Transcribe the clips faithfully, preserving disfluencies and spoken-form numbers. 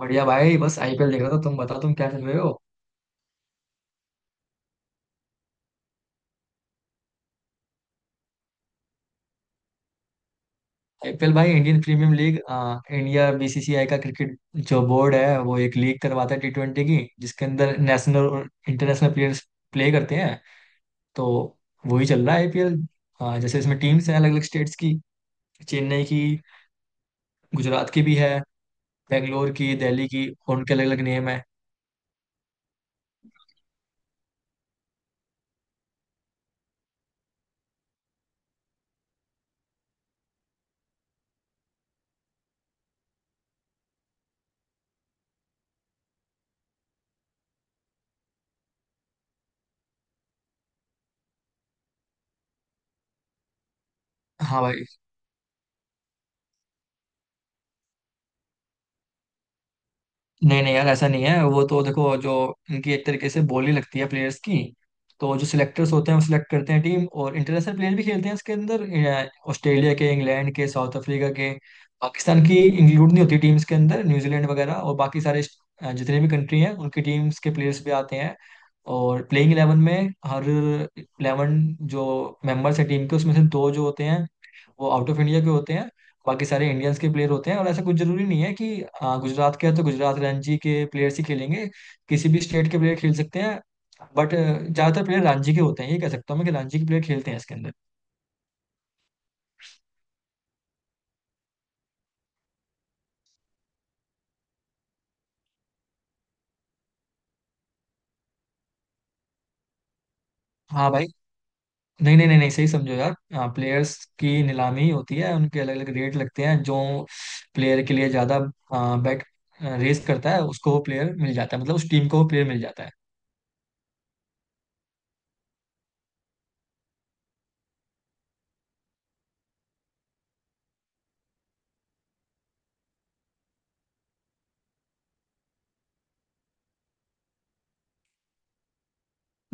बढ़िया भाई, बस आईपीएल देख रहा था। तुम बताओ, तुम क्या चल रहे हो। आईपीएल भाई इंडियन प्रीमियम लीग। आ, इंडिया बीसीसीआई का क्रिकेट जो बोर्ड है वो एक लीग करवाता है टी ट्वेंटी की, जिसके अंदर नेशनल और इंटरनेशनल प्लेयर्स प्ले करते हैं। तो वही चल रहा है आईपीएल। जैसे इसमें टीम्स हैं अलग अलग स्टेट्स की। चेन्नई की, गुजरात की भी है, बेंगलोर की, दिल्ली की, और उनके अलग अलग नेम है। हाँ भाई। नहीं नहीं यार, ऐसा नहीं है। वो तो देखो, जो इनकी एक तरीके से बोली लगती है प्लेयर्स की, तो जो सिलेक्टर्स होते हैं वो सिलेक्ट करते हैं टीम, और इंटरनेशनल प्लेयर भी खेलते हैं इसके अंदर। अ, ऑस्ट्रेलिया के, इंग्लैंड के, साउथ अफ्रीका के। पाकिस्तान की इंक्लूड नहीं होती टीम्स के अंदर, न्यूजीलैंड वगैरह और बाकी सारे अ, जितने भी कंट्री हैं उनकी टीम्स के प्लेयर्स भी आते हैं। और प्लेइंग इलेवन में हर इलेवन, जो मेंबर्स हैं टीम के, उसमें से दो जो होते हैं वो आउट ऑफ इंडिया के होते हैं, बाकी सारे इंडियंस के प्लेयर होते हैं। और ऐसा कुछ जरूरी नहीं है कि आ, गुजरात के हैं तो गुजरात रणजी के प्लेयर्स ही खेलेंगे। किसी भी स्टेट के प्लेयर खेल सकते हैं, बट ज्यादातर प्लेयर रणजी के होते हैं, ये कह सकता हूँ मैं, कि रणजी के प्लेयर खेलते हैं इसके अंदर। हाँ भाई। नहीं नहीं नहीं नहीं, सही समझो यार। प्लेयर्स की नीलामी होती है, उनके अलग अलग रेट लगते हैं। जो प्लेयर के लिए ज्यादा बेट रेस करता है, उसको वो प्लेयर मिल जाता है, मतलब उस टीम को वो प्लेयर मिल जाता है।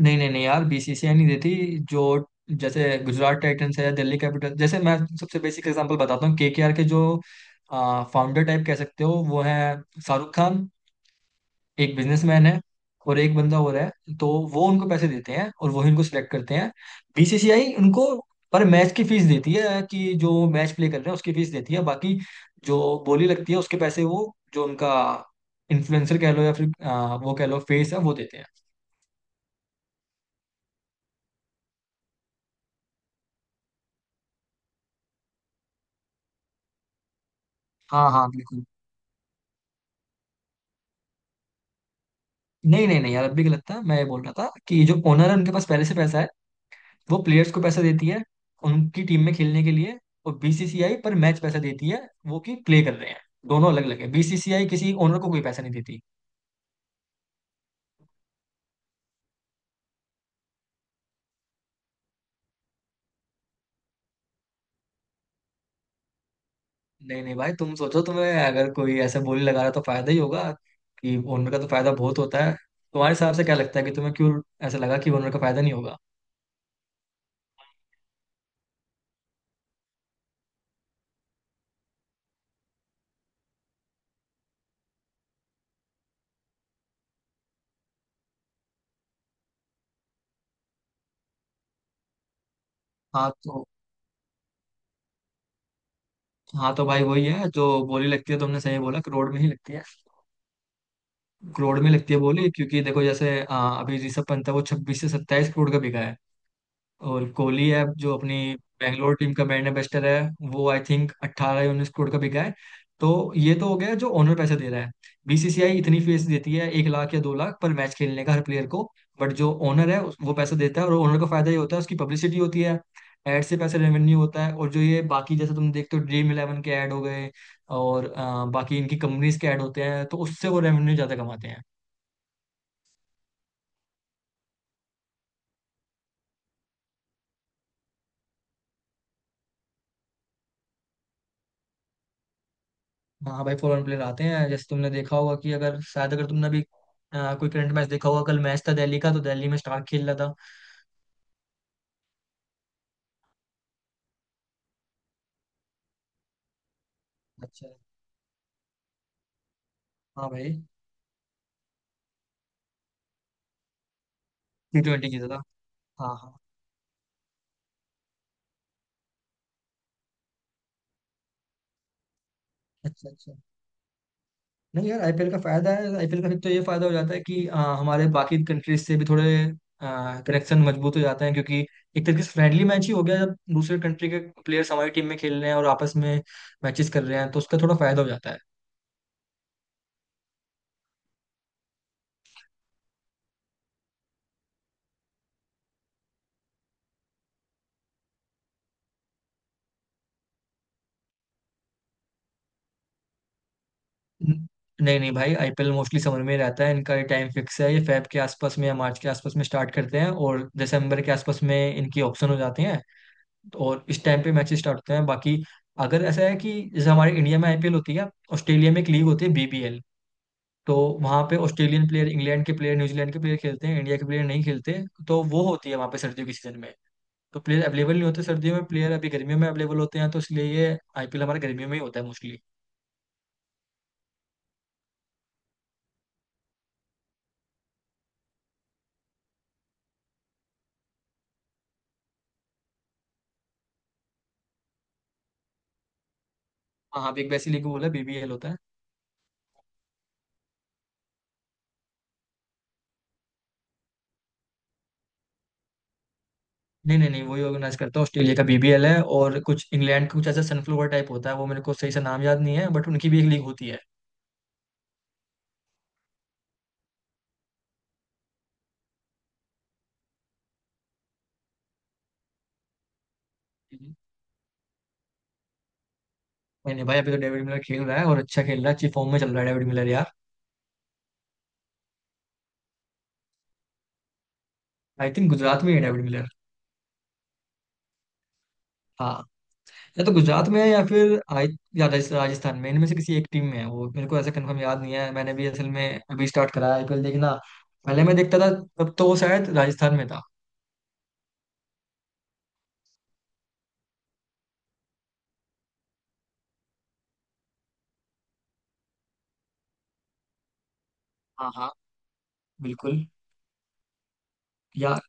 नहीं नहीं नहीं यार, बीसीसीआई नहीं देती। जो, जैसे गुजरात टाइटंस है या दिल्ली कैपिटल, जैसे मैं सबसे बेसिक एग्जांपल बताता हूँ, केकेआर के जो फाउंडर टाइप कह सकते हो वो है शाहरुख खान, एक बिजनेसमैन है और एक बंदा और है। तो वो उनको पैसे देते हैं और वही उनको सिलेक्ट करते हैं। बीसीसीआई उनको पर मैच की फीस देती है, कि जो मैच प्ले कर रहे हैं उसकी फीस देती है। बाकी जो बोली लगती है उसके पैसे वो, जो उनका इन्फ्लुएंसर कह लो या फिर अ, वो कह लो फेस है, वो देते हैं। हाँ हाँ बिल्कुल। नहीं नहीं नहीं यार, अब भी गलत था। मैं ये बोल रहा था कि जो ओनर है उनके पास पहले से पैसा है, वो प्लेयर्स को पैसा देती है उनकी टीम में खेलने के लिए, और बीसीसीआई पर मैच पैसा देती है वो कि प्ले कर रहे हैं। दोनों अलग अलग है, बीसीसीआई किसी ओनर को कोई पैसा नहीं देती। नहीं नहीं भाई, तुम सोचो, तुम्हें अगर कोई ऐसा बोली लगा रहा है, तो फायदा ही होगा। कि ओनर का तो फायदा बहुत होता है। तुम्हारे हिसाब से क्या लगता है कि तुम्हें क्यों ऐसा लगा कि ओनर का फायदा नहीं होगा। हाँ तो हाँ तो भाई वही है, जो बोली लगती है, तुमने सही बोला कि रोड में ही लगती है। करोड़ में लगती है बोली, क्योंकि देखो, जैसे अ, अभी ऋषभ पंत है वो छब्बीस से सत्ताईस करोड़ का बिका है। और कोहली है जो अपनी बैंगलोर टीम का बैटर बेस्टर है, वो आई थिंक अट्ठारह या उन्नीस करोड़ का बिका है। तो ये तो हो गया जो ओनर पैसे दे रहा है। बीसीसीआई इतनी फीस देती है, एक लाख या दो लाख पर मैच खेलने का हर प्लेयर को। बट जो ओनर है उस- वो पैसा देता है। और ओनर का फायदा ये होता है उसकी पब्लिसिटी होती है, एड से पैसे रेवेन्यू होता है। और जो ये बाकी जैसे तुम देखते हो, ड्रीम इलेवन के ऐड हो गए और अ, बाकी इनकी कंपनीज के ऐड होते हैं, तो उससे वो रेवेन्यू ज्यादा कमाते हैं। हाँ भाई फॉरेन प्लेयर आते हैं। जैसे तुमने देखा होगा कि अगर शायद अगर तुमने अभी अ, कोई करंट मैच देखा होगा, कल मैच था दिल्ली का, तो दिल्ली में स्टार खेल रहा था। अच्छा। हाँ भाई। टी ट्वेंटी जीता था। हाँ हाँ। अच्छा अच्छा। नहीं यार, आईपीएल का फायदा है। आईपीएल का फिर तो ये फायदा हो जाता है कि अ, हमारे बाकी कंट्रीज से भी थोड़े कनेक्शन मजबूत हो जाते हैं, क्योंकि एक तरीके से फ्रेंडली मैच ही हो गया। जब दूसरे कंट्री के प्लेयर्स हमारी टीम में खेल रहे हैं और आपस में मैचेस कर रहे हैं, तो उसका थोड़ा फायदा हो जाता है। न- नहीं नहीं भाई, आईपीएल मोस्टली समर में ही रहता है। इनका टाइम फिक्स है, ये फेब के आसपास में या मार्च के आसपास में स्टार्ट करते हैं, और दिसंबर के आसपास में इनकी ऑक्शन हो जाती हैं, और इस टाइम पे मैचेस स्टार्ट होते हैं। बाकी अगर ऐसा है कि जैसे हमारे इंडिया में आईपीएल होती है, ऑस्ट्रेलिया में एक लीग होती है बीबीएल, तो वहाँ पे ऑस्ट्रेलियन प्लेयर, इंग्लैंड के प्लेयर, न्यूजीलैंड के प्लेयर खेलते हैं, इंडिया के प्लेयर नहीं खेलते। तो वो होती है वहाँ पे सर्दियों के सीजन में। तो प्लेयर अवेलेबल नहीं होते सर्दियों में, प्लेयर अभी गर्मियों में अवेलेबल होते हैं, तो इसलिए ये आईपीएल हमारे गर्मियों में ही होता है मोस्टली। हाँ हाँ, बिग बैसी लीग बोला, बीबीएल होता है। नहीं नहीं नहीं, वही ऑर्गेनाइज करता है। ऑस्ट्रेलिया का बीबीएल है, और कुछ इंग्लैंड का कुछ ऐसा सनफ्लोवर टाइप होता है, वो मेरे को सही से नाम याद नहीं है, बट उनकी भी एक लीग होती है। हम्म। नहीं नहीं भाई, अभी तो डेविड मिलर खेल रहा है और अच्छा खेल रहा है, अच्छी फॉर्म में चल रहा है डेविड मिलर यार। आई थिंक गुजरात में ही है डेविड मिलर। हाँ। या तो गुजरात में है या फिर आई, या राज- राजस्थान में, इनमें से किसी एक टीम में है, वो मेरे को ऐसा कंफर्म याद नहीं है। मैंने भी असल में अभी स्टार्ट करा है आईपीएल देखना, पहले मैं देखता था, तब तो वो शायद राजस्थान में था। हाँ हाँ बिल्कुल। यार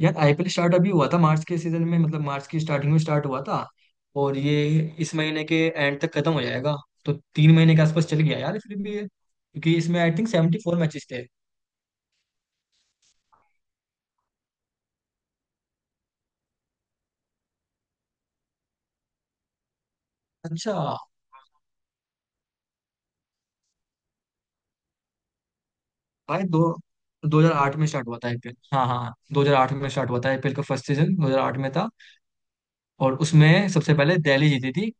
यार आईपीएल स्टार्ट अभी हुआ था मार्च के सीजन में, मतलब मार्च की स्टार्टिंग में स्टार्ट हुआ था, और ये इस महीने के एंड तक खत्म हो जाएगा। तो तीन महीने के आसपास चल गया यार फिर भी ये, क्योंकि इसमें I think seventy four matches थे। अच्छा। भाई दो, 2008 में स्टार्ट हुआ था आईपीएल। हाँ हाँ, दो हज़ार आठ में स्टार्ट हुआ था आईपीएल का फर्स्ट सीजन, दो हज़ार आठ में था। और उसमें सबसे पहले दिल्ली जीती थी।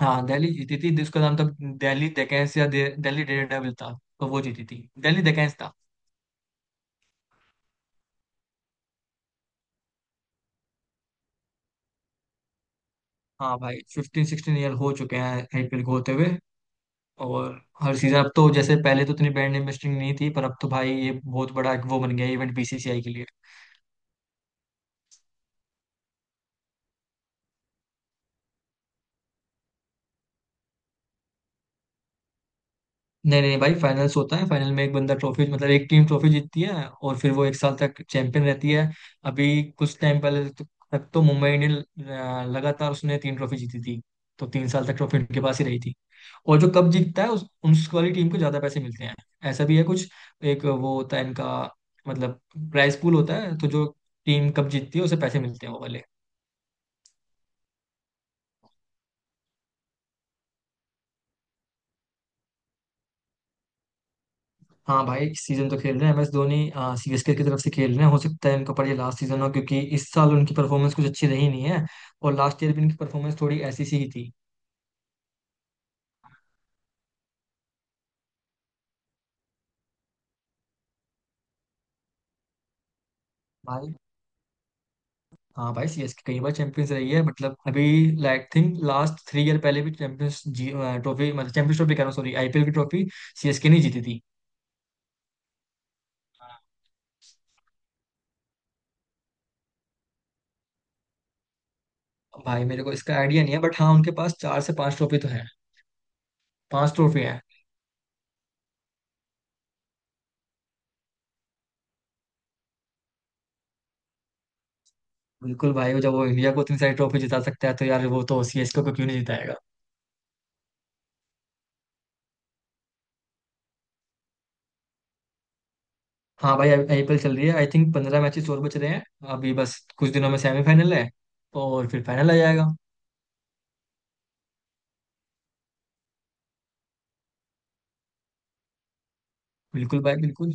हाँ दिल्ली जीती थी, जिसका नाम था दिल्ली डेकेंस या दे- दिल्ली डेयरडेविल था। तो वो जीती थी, दिल्ली डेकेंस था। हाँ भाई, फिफ्टीन सिक्सटीन ईयर हो चुके हैं आईपीएल को होते हुए। और हर सीजन, अब तो जैसे पहले तो इतनी ब्रांड इन्वेस्टिंग नहीं थी, पर अब तो भाई ये बहुत बड़ा एक वो बन गया इवेंट बीसीसीआई के लिए। नहीं नहीं भाई, फाइनल्स होता है। फाइनल में एक बंदा ट्रॉफी, मतलब एक टीम ट्रॉफी जीतती है और फिर वो एक साल तक चैंपियन रहती है। अभी कुछ टाइम पहले तो- तक तो मुंबई इंडियन अ, लगातार उसने तीन ट्रॉफी जीती थी, तो तीन साल तक ट्रॉफी उनके पास ही रही थी। और जो कप जीतता है उस उस वाली टीम को ज्यादा पैसे मिलते हैं, ऐसा भी है कुछ। एक वो होता है इनका, मतलब प्राइस पूल होता है, तो जो टीम कप जीतती है उसे पैसे मिलते हैं वो वाले। हाँ भाई, इस सीजन तो खेल रहे हैं एम एस धोनी, सीएसके की तरफ से खेल रहे हैं। हो सकता है इनका पर ये लास्ट सीजन हो, क्योंकि इस साल उनकी परफॉर्मेंस कुछ अच्छी रही नहीं है, और लास्ट ईयर भी इनकी परफॉर्मेंस थोड़ी ऐसी सी ही थी। भाई, हाँ भाई सीएसके कई बार चैंपियंस रही है, मतलब अभी like think last three year पहले भी चैंपियंस जी ट्रॉफी, मतलब चैंपियंस ट्रॉफी कह रहा हूँ, सॉरी, आईपीएल की ट्रॉफी। सीएसके नहीं जीती थी। भाई मेरे को इसका आइडिया नहीं है, बट हाँ उनके पास चार से पांच ट्रॉफी तो है। पांच ट्रॉफी है। बिल्कुल भाई, जब वो इंडिया को इतनी सारी ट्रॉफी जिता सकता है, तो यार वो तो सीएसके को क्यों नहीं जिताएगा। हाँ भाई आई- आईपीएल चल रही है, आई थिंक पंद्रह मैचेस और बच रहे हैं। अभी बस कुछ दिनों में सेमीफाइनल है, और फिर फाइनल आ जाएगा। बिल्कुल भाई बिल्कुल।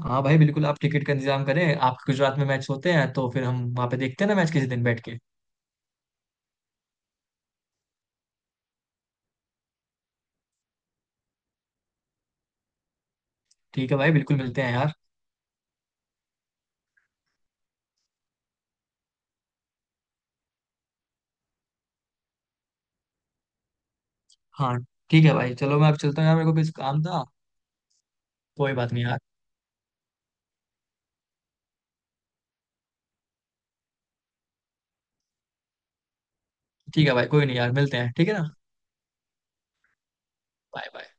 हाँ भाई बिल्कुल, आप टिकट का इंतजाम करें, आपके गुजरात में मैच होते हैं तो फिर हम वहाँ पे देखते हैं ना मैच किसी दिन बैठ के। ठीक है भाई, बिल्कुल मिलते हैं यार। हाँ ठीक है भाई, चलो मैं अब चलता हूँ यार, मेरे को कुछ काम था। कोई बात नहीं यार। ठीक है भाई, कोई नहीं यार, मिलते हैं, ठीक है ना। Bye bye.